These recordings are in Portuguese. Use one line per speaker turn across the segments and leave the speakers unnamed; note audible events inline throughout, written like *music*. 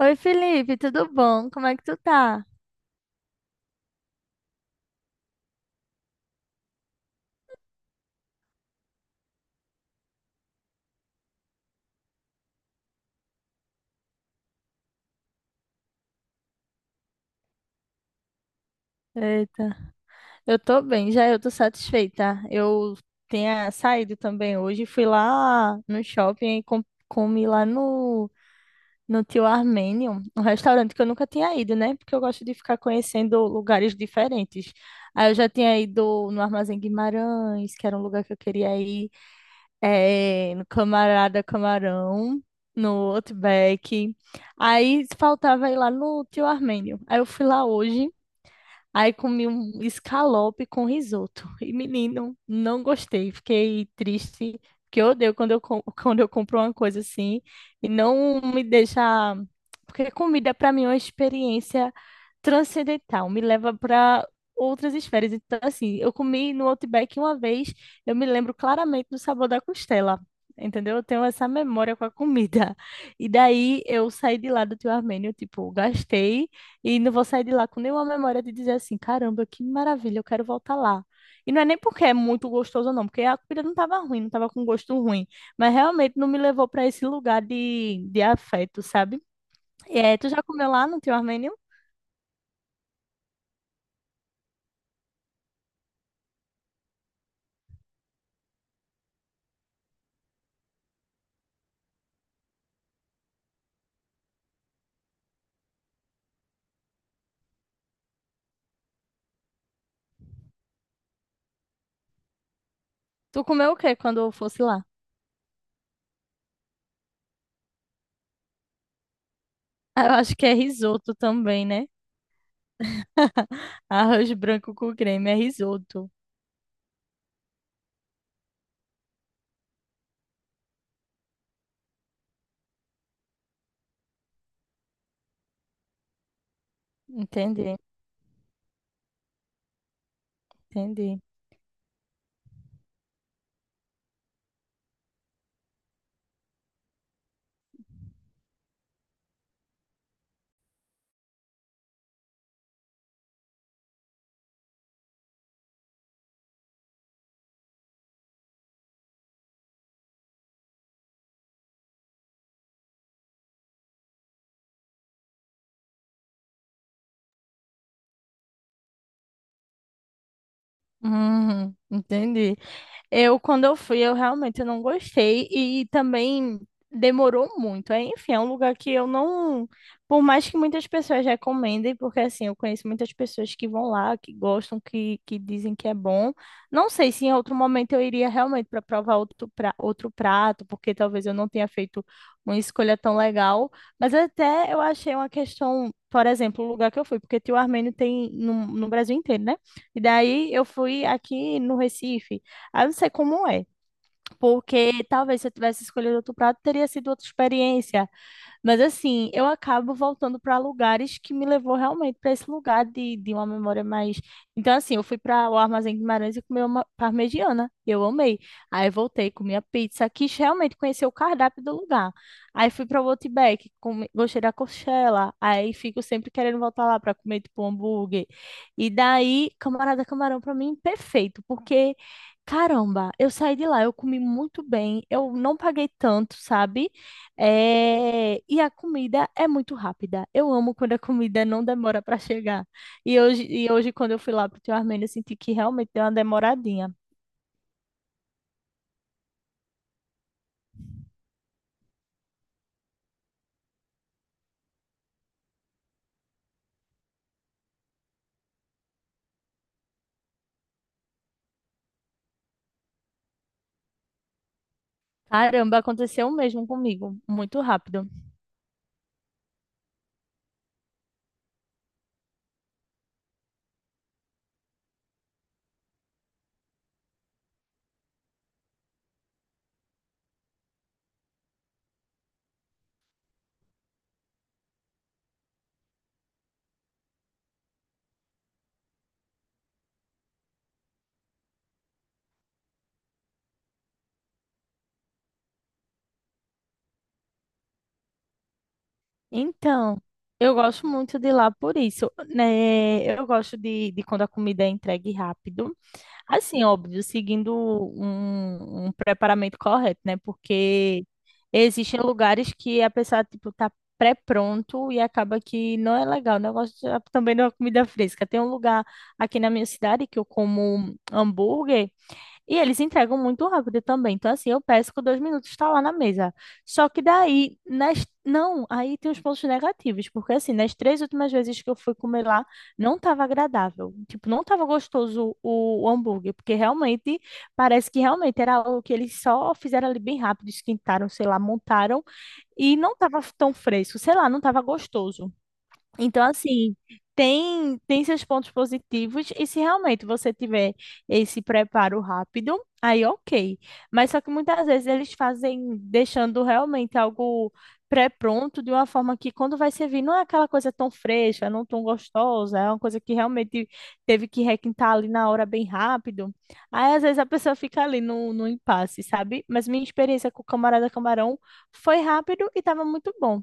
Oi, Felipe, tudo bom? Como é que tu tá? Eita, eu tô bem, já eu tô satisfeita. Eu tinha saído também hoje, fui lá no shopping e comi lá no Tio Armênio, um restaurante que eu nunca tinha ido, né? Porque eu gosto de ficar conhecendo lugares diferentes. Aí eu já tinha ido no Armazém Guimarães, que era um lugar que eu queria ir. É, no Camarada Camarão, no Outback. Aí faltava ir lá no Tio Armênio. Aí eu fui lá hoje. Aí comi um escalope com risoto. E, menino, não gostei. Fiquei triste, porque eu odeio quando *laughs* quando eu compro uma coisa assim e não me deixa. Porque comida, para mim, é uma experiência transcendental, me leva para outras esferas. Então, assim, eu comi no Outback uma vez, eu me lembro claramente do sabor da costela. Entendeu? Eu tenho essa memória com a comida. E daí eu saí de lá do Tio Armênio, tipo, gastei. E não vou sair de lá com nenhuma memória de dizer assim, caramba, que maravilha, eu quero voltar lá. E não é nem porque é muito gostoso, não, porque a comida não estava ruim, não estava com gosto ruim. Mas realmente não me levou para esse lugar de afeto, sabe? E, é, tu já comeu lá no teu armênio? Tu comeu o quê quando eu fosse lá? Ah, eu acho que é risoto também, né? *laughs* Arroz branco com creme é risoto. Entendi, entendi. Entendi. Eu, quando eu fui, eu realmente não gostei e também demorou muito. É, enfim, é um lugar que eu não, por mais que muitas pessoas recomendem, porque assim, eu conheço muitas pessoas que vão lá, que gostam, que dizem que é bom. Não sei se em outro momento eu iria realmente para provar outro, pra, outro prato, porque talvez eu não tenha feito uma escolha tão legal, mas até eu achei uma questão, por exemplo, o lugar que eu fui, porque Tio Armênio tem no Brasil inteiro, né? E daí eu fui aqui no Recife. Aí eu não sei como é, porque talvez se eu tivesse escolhido outro prato, teria sido outra experiência. Mas assim, eu acabo voltando para lugares que me levou realmente para esse lugar de uma memória mais. Então, assim, eu fui para o Armazém de Guimarães e comi uma parmegiana. Eu amei. Aí voltei, comi a pizza, quis realmente conhecer o cardápio do lugar. Aí fui para o Outback, gostei da coxela. Aí fico sempre querendo voltar lá para comer tipo um hambúrguer. E daí, Camarada Camarão para mim perfeito, porque caramba, eu saí de lá, eu comi muito bem, eu não paguei tanto, sabe? É, e a comida é muito rápida. Eu amo quando a comida não demora para chegar. E hoje, quando eu fui lá pro teu Armênio, eu senti que realmente deu uma demoradinha. Caramba, aconteceu o mesmo comigo, muito rápido. Então, eu gosto muito de lá por isso, né? Eu gosto de quando a comida é entregue rápido. Assim, óbvio, seguindo um preparamento correto, né? Porque existem lugares que a pessoa, tipo, tá pré-pronto e acaba que não é legal. O negócio já também não é comida fresca. Tem um lugar aqui na minha cidade que eu como hambúrguer. E eles entregam muito rápido também. Então, assim, eu peço que dois minutos está lá na mesa. Só que daí, não, aí tem os pontos negativos. Porque, assim, nas três últimas vezes que eu fui comer lá, não estava agradável. Tipo, não estava gostoso o hambúrguer. Porque realmente, parece que realmente era algo que eles só fizeram ali bem rápido, esquentaram, sei lá, montaram. E não estava tão fresco. Sei lá, não estava gostoso. Então, assim, tem seus pontos positivos, e se realmente você tiver esse preparo rápido, aí ok. Mas só que muitas vezes eles fazem deixando realmente algo pré-pronto de uma forma que quando vai servir não é aquela coisa tão fresca, não tão gostosa, é uma coisa que realmente teve que requintar ali na hora bem rápido. Aí às vezes a pessoa fica ali no impasse, sabe? Mas minha experiência com o Camarada Camarão foi rápido e estava muito bom.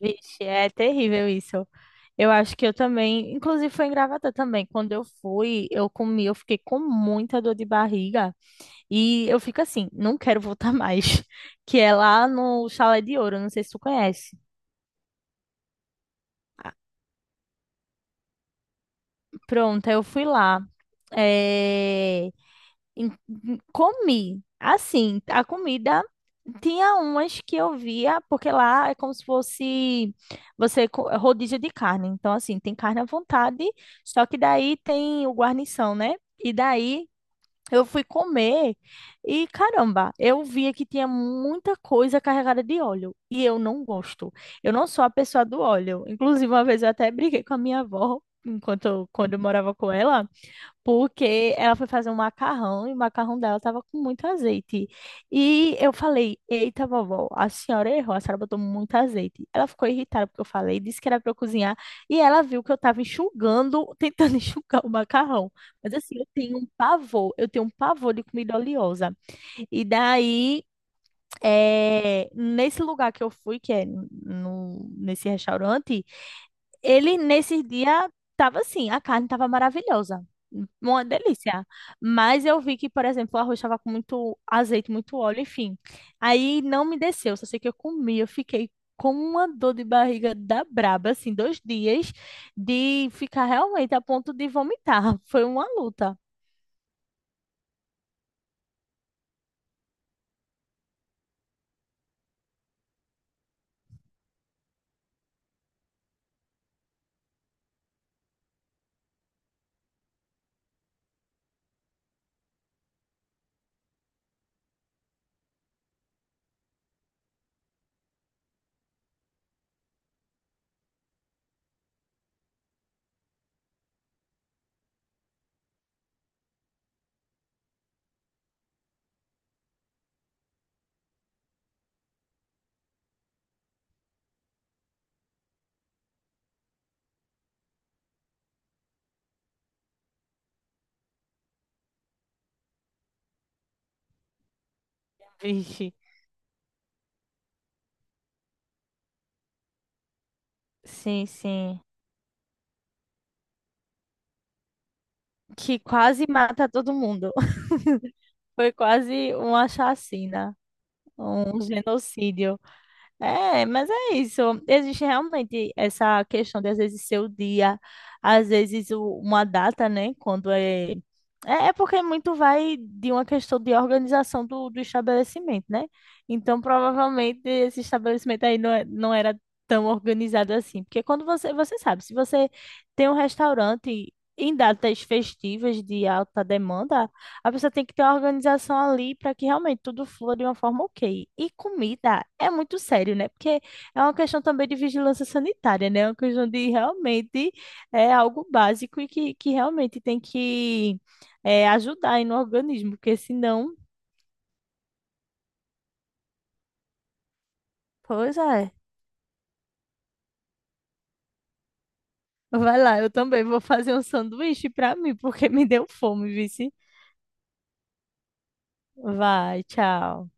Vixe, é terrível isso. Eu acho que eu também, inclusive foi em Gravatá também. Quando eu fui, eu comi, eu fiquei com muita dor de barriga e eu fico assim, não quero voltar mais, *laughs* que é lá no Chalé de Ouro, não sei se tu conhece. Ah, pronto, aí eu fui lá, eh, comi. Assim, a comida tinha umas que eu via, porque lá é como se fosse é rodízio de carne. Então, assim, tem carne à vontade, só que daí tem o guarnição, né? E daí eu fui comer e caramba, eu via que tinha muita coisa carregada de óleo e eu não gosto. Eu não sou a pessoa do óleo. Inclusive, uma vez eu até briguei com a minha avó, enquanto quando eu morava com ela, porque ela foi fazer um macarrão e o macarrão dela estava com muito azeite. E eu falei: Eita, vovó, a senhora errou, a senhora botou muito azeite. Ela ficou irritada porque eu falei, disse que era para eu cozinhar. E ela viu que eu estava enxugando, *laughs* tentando enxugar o macarrão. Mas assim, eu tenho um pavor de comida oleosa. E daí, nesse lugar que eu fui, que é no, nesse restaurante. Ele, nesse dia, tava assim, a carne tava maravilhosa. Uma delícia. Mas eu vi que, por exemplo, o arroz estava com muito azeite, muito óleo, enfim. Aí não me desceu, só sei que eu comi, eu fiquei com uma dor de barriga da braba, assim, dois dias, de ficar realmente a ponto de vomitar. *laughs* Foi uma luta. Vixe. Sim, sim. Que quase mata todo mundo. *laughs* Foi quase uma chacina, um genocídio. É, mas é isso. Existe realmente essa questão de às vezes ser o dia, às vezes uma data, né? Quando é. É porque muito vai de uma questão de organização do estabelecimento, né? Então, provavelmente, esse estabelecimento aí não, não era tão organizado assim. Porque quando você, você sabe, se você tem um restaurante em datas festivas de alta demanda, a pessoa tem que ter uma organização ali para que realmente tudo flua de uma forma ok. E comida é muito sério, né? Porque é uma questão também de vigilância sanitária, né? É uma questão de realmente é algo básico e que, realmente tem que é, ajudar aí no organismo, porque senão, pois é. Vai lá, eu também vou fazer um sanduíche para mim, porque *laughs* me deu fome, vice. Vai, tchau.